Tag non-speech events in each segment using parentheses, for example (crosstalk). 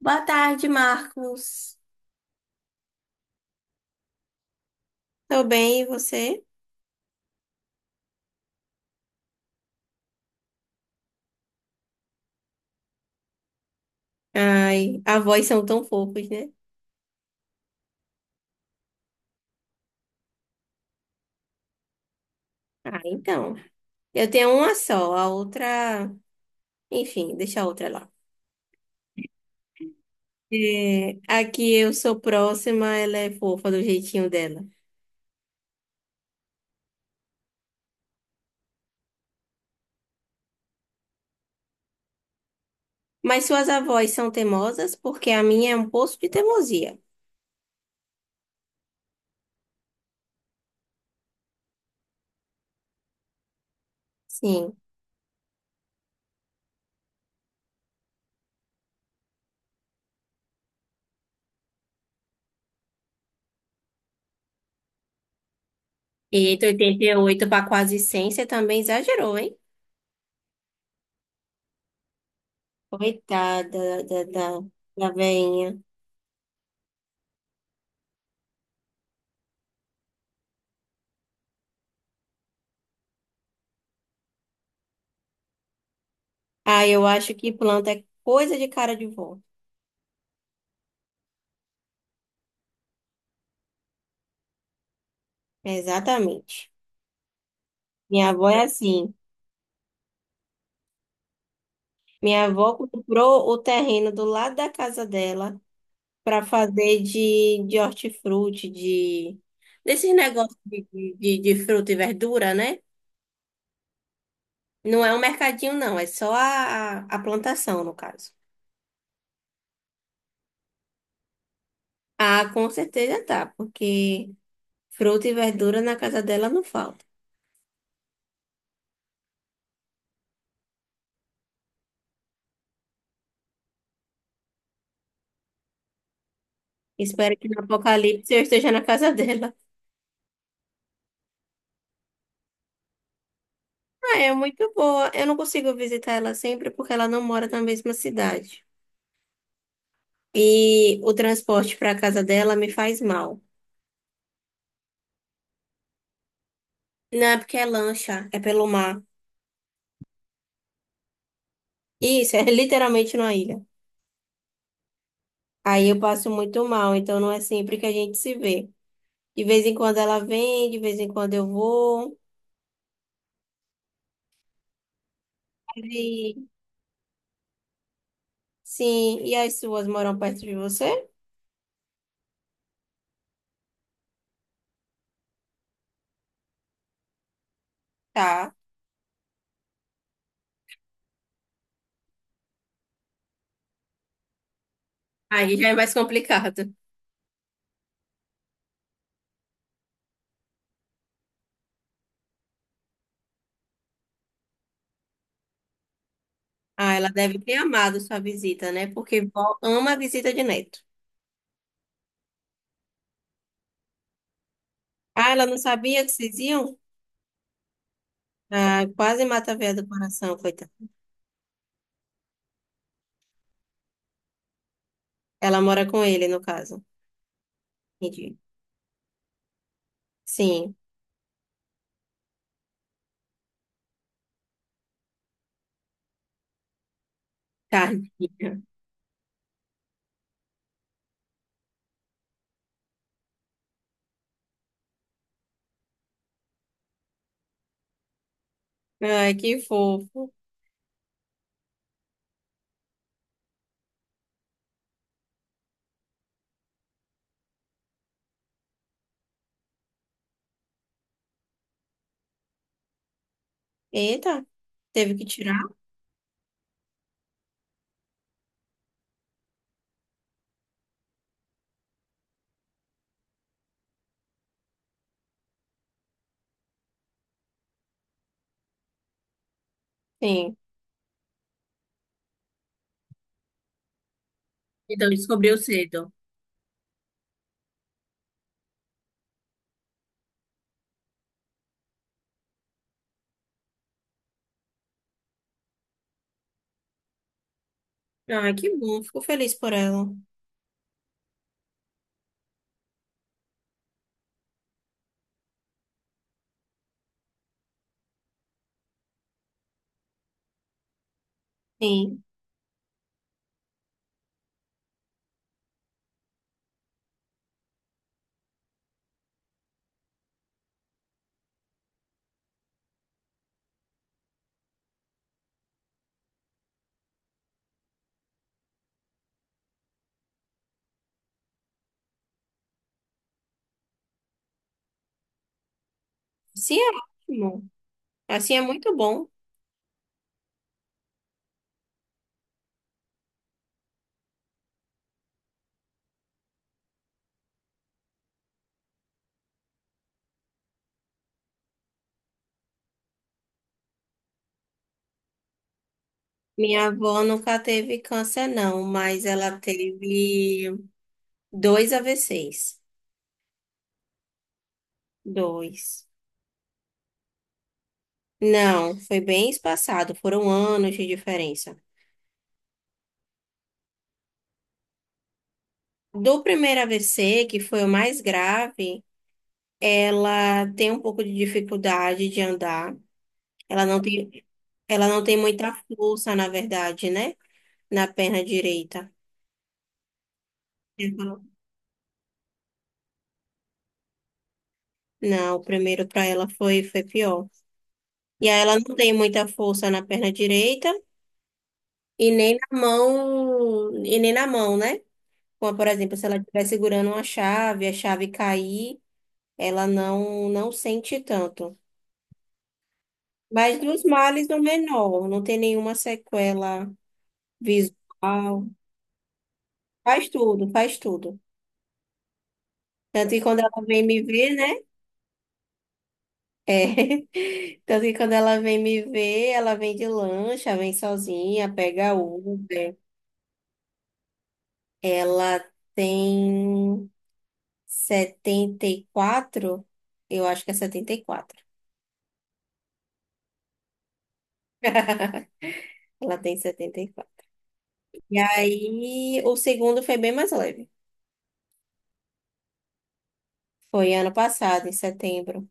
Boa tarde, Marcos. Tô bem, e você? Ai, avós são tão fofos, né? Ah, então. Eu tenho uma só, a outra. Enfim, deixa a outra lá. É, aqui eu sou próxima, ela é fofa do jeitinho dela. Mas suas avós são teimosas porque a minha é um poço de teimosia. Sim. E de 88 para quase 100, você também exagerou, hein? Coitada da veinha. Ah, eu acho que planta é coisa de cara de vó. Exatamente. Minha avó é assim. Minha avó comprou o terreno do lado da casa dela para fazer de hortifruti, de desses negócios de fruta e verdura, né? Não é um mercadinho, não, é só a plantação, no caso. Ah, com certeza tá, porque fruta e verdura na casa dela não falta. Espero que no apocalipse eu esteja na casa (laughs) dela. Ah, é muito boa. Eu não consigo visitar ela sempre porque ela não mora na mesma cidade. E o transporte para casa dela me faz mal. Não, é porque é lancha, é pelo mar. Isso, é (laughs) literalmente numa ilha. Aí eu passo muito mal, então não é sempre que a gente se vê. De vez em quando ela vem, de vez em quando eu vou. E, sim, e as suas moram perto de você? Tá. Aí já é mais complicado. Ah, ela deve ter amado sua visita, né? Porque vó ama a visita de neto. Ah, ela não sabia que vocês iam? Ah, quase mata a veia do coração, coitada. Ela mora com ele, no caso. Entendi. Sim, tadinha. Ai, que fofo. Eita, teve que tirar? Sim. Então descobriu cedo. Ai, que bom, fico feliz por ela. Sim, sim, é ótimo. Assim é muito bom. Minha avó nunca teve câncer, não, mas ela teve dois AVCs. Dois. Não, foi bem espaçado, foram anos de diferença. Do primeiro AVC, que foi o mais grave, ela tem um pouco de dificuldade de andar. Ela não tem, ela não tem muita força, na verdade, né? Na perna direita. Uhum. Não, o primeiro para ela foi pior. E aí ela não tem muita força na perna direita e nem na mão, né? Como, por exemplo, se ela estiver segurando uma chave, a chave cair, ela não sente tanto. Mas dos males, o menor, não tem nenhuma sequela visual. Faz tudo, faz tudo. Tanto que quando ela vem me ver, né? É. (laughs) Tanto que quando ela vem me ver, ela vem de lancha, vem sozinha, pega Uber. Ela tem 74. Eu acho que é 74. (laughs) Ela tem setenta e quatro. E aí, o segundo foi bem mais leve. Foi ano passado, em setembro.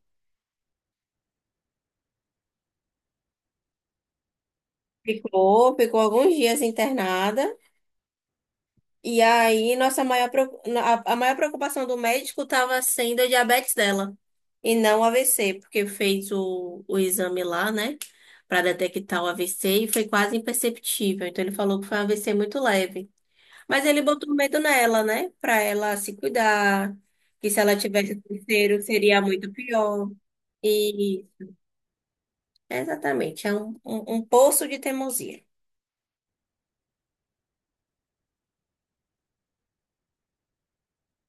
Ficou alguns dias internada. E aí, nossa maior, preo- a maior preocupação do médico estava sendo a diabetes dela e não o AVC, porque fez o exame lá, né, para detectar o AVC e foi quase imperceptível. Então, ele falou que foi um AVC muito leve. Mas ele botou medo nela, né, para ela se cuidar, que se ela tivesse terceiro seria muito pior. E exatamente, é um poço de teimosia.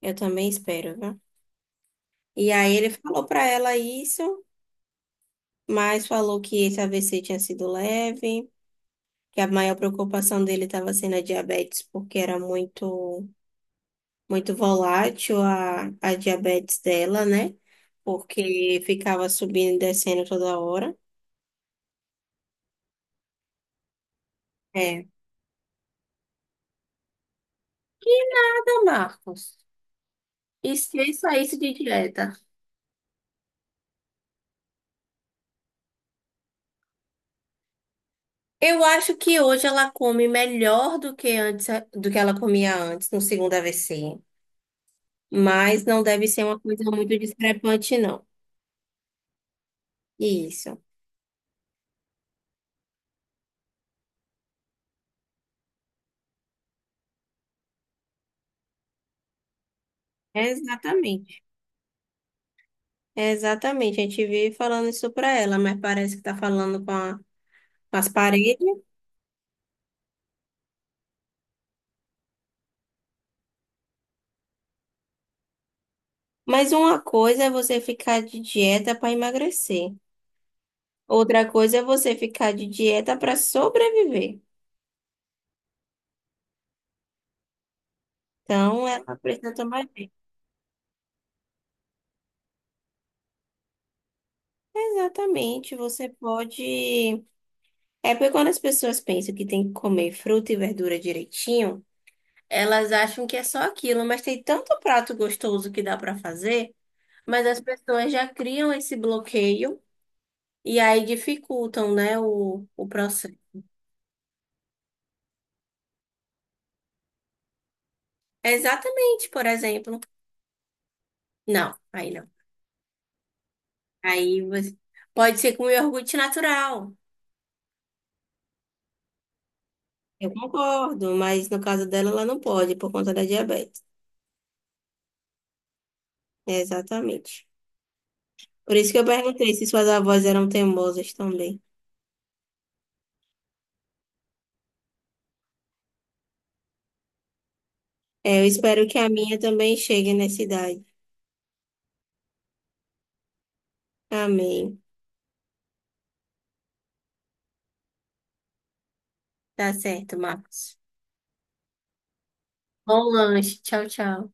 Eu também espero, viu? E aí, ele falou para ela isso. Mas falou que esse AVC tinha sido leve, que a maior preocupação dele estava sendo a diabetes, porque era muito, muito volátil a diabetes dela, né? Porque ficava subindo e descendo toda hora. É. Que nada, Marcos. E se saísse de dieta? Eu acho que hoje ela come melhor do que antes, do que ela comia antes, no segundo AVC. Mas não deve ser uma coisa muito discrepante, não. Isso, exatamente. É, exatamente, a gente vive falando isso pra ela, mas parece que tá falando com, com as paredes. Mas uma coisa é você ficar de dieta para emagrecer, outra coisa é você ficar de dieta para sobreviver. Então, ela precisa tomar bem. Exatamente, você pode. É porque quando as pessoas pensam que tem que comer fruta e verdura direitinho, elas acham que é só aquilo, mas tem tanto prato gostoso que dá para fazer, mas as pessoas já criam esse bloqueio. E aí dificultam, né, o processo. É, exatamente, por exemplo. Não, aí não. Aí você pode ser com iogurte natural. Eu concordo, mas no caso dela, ela não pode, por conta da diabetes. Exatamente. Por isso que eu perguntei se suas avós eram teimosas também. É, eu espero que a minha também chegue nessa idade. Amém. Tá certo, Marcos. Bom lanche. Tchau, tchau.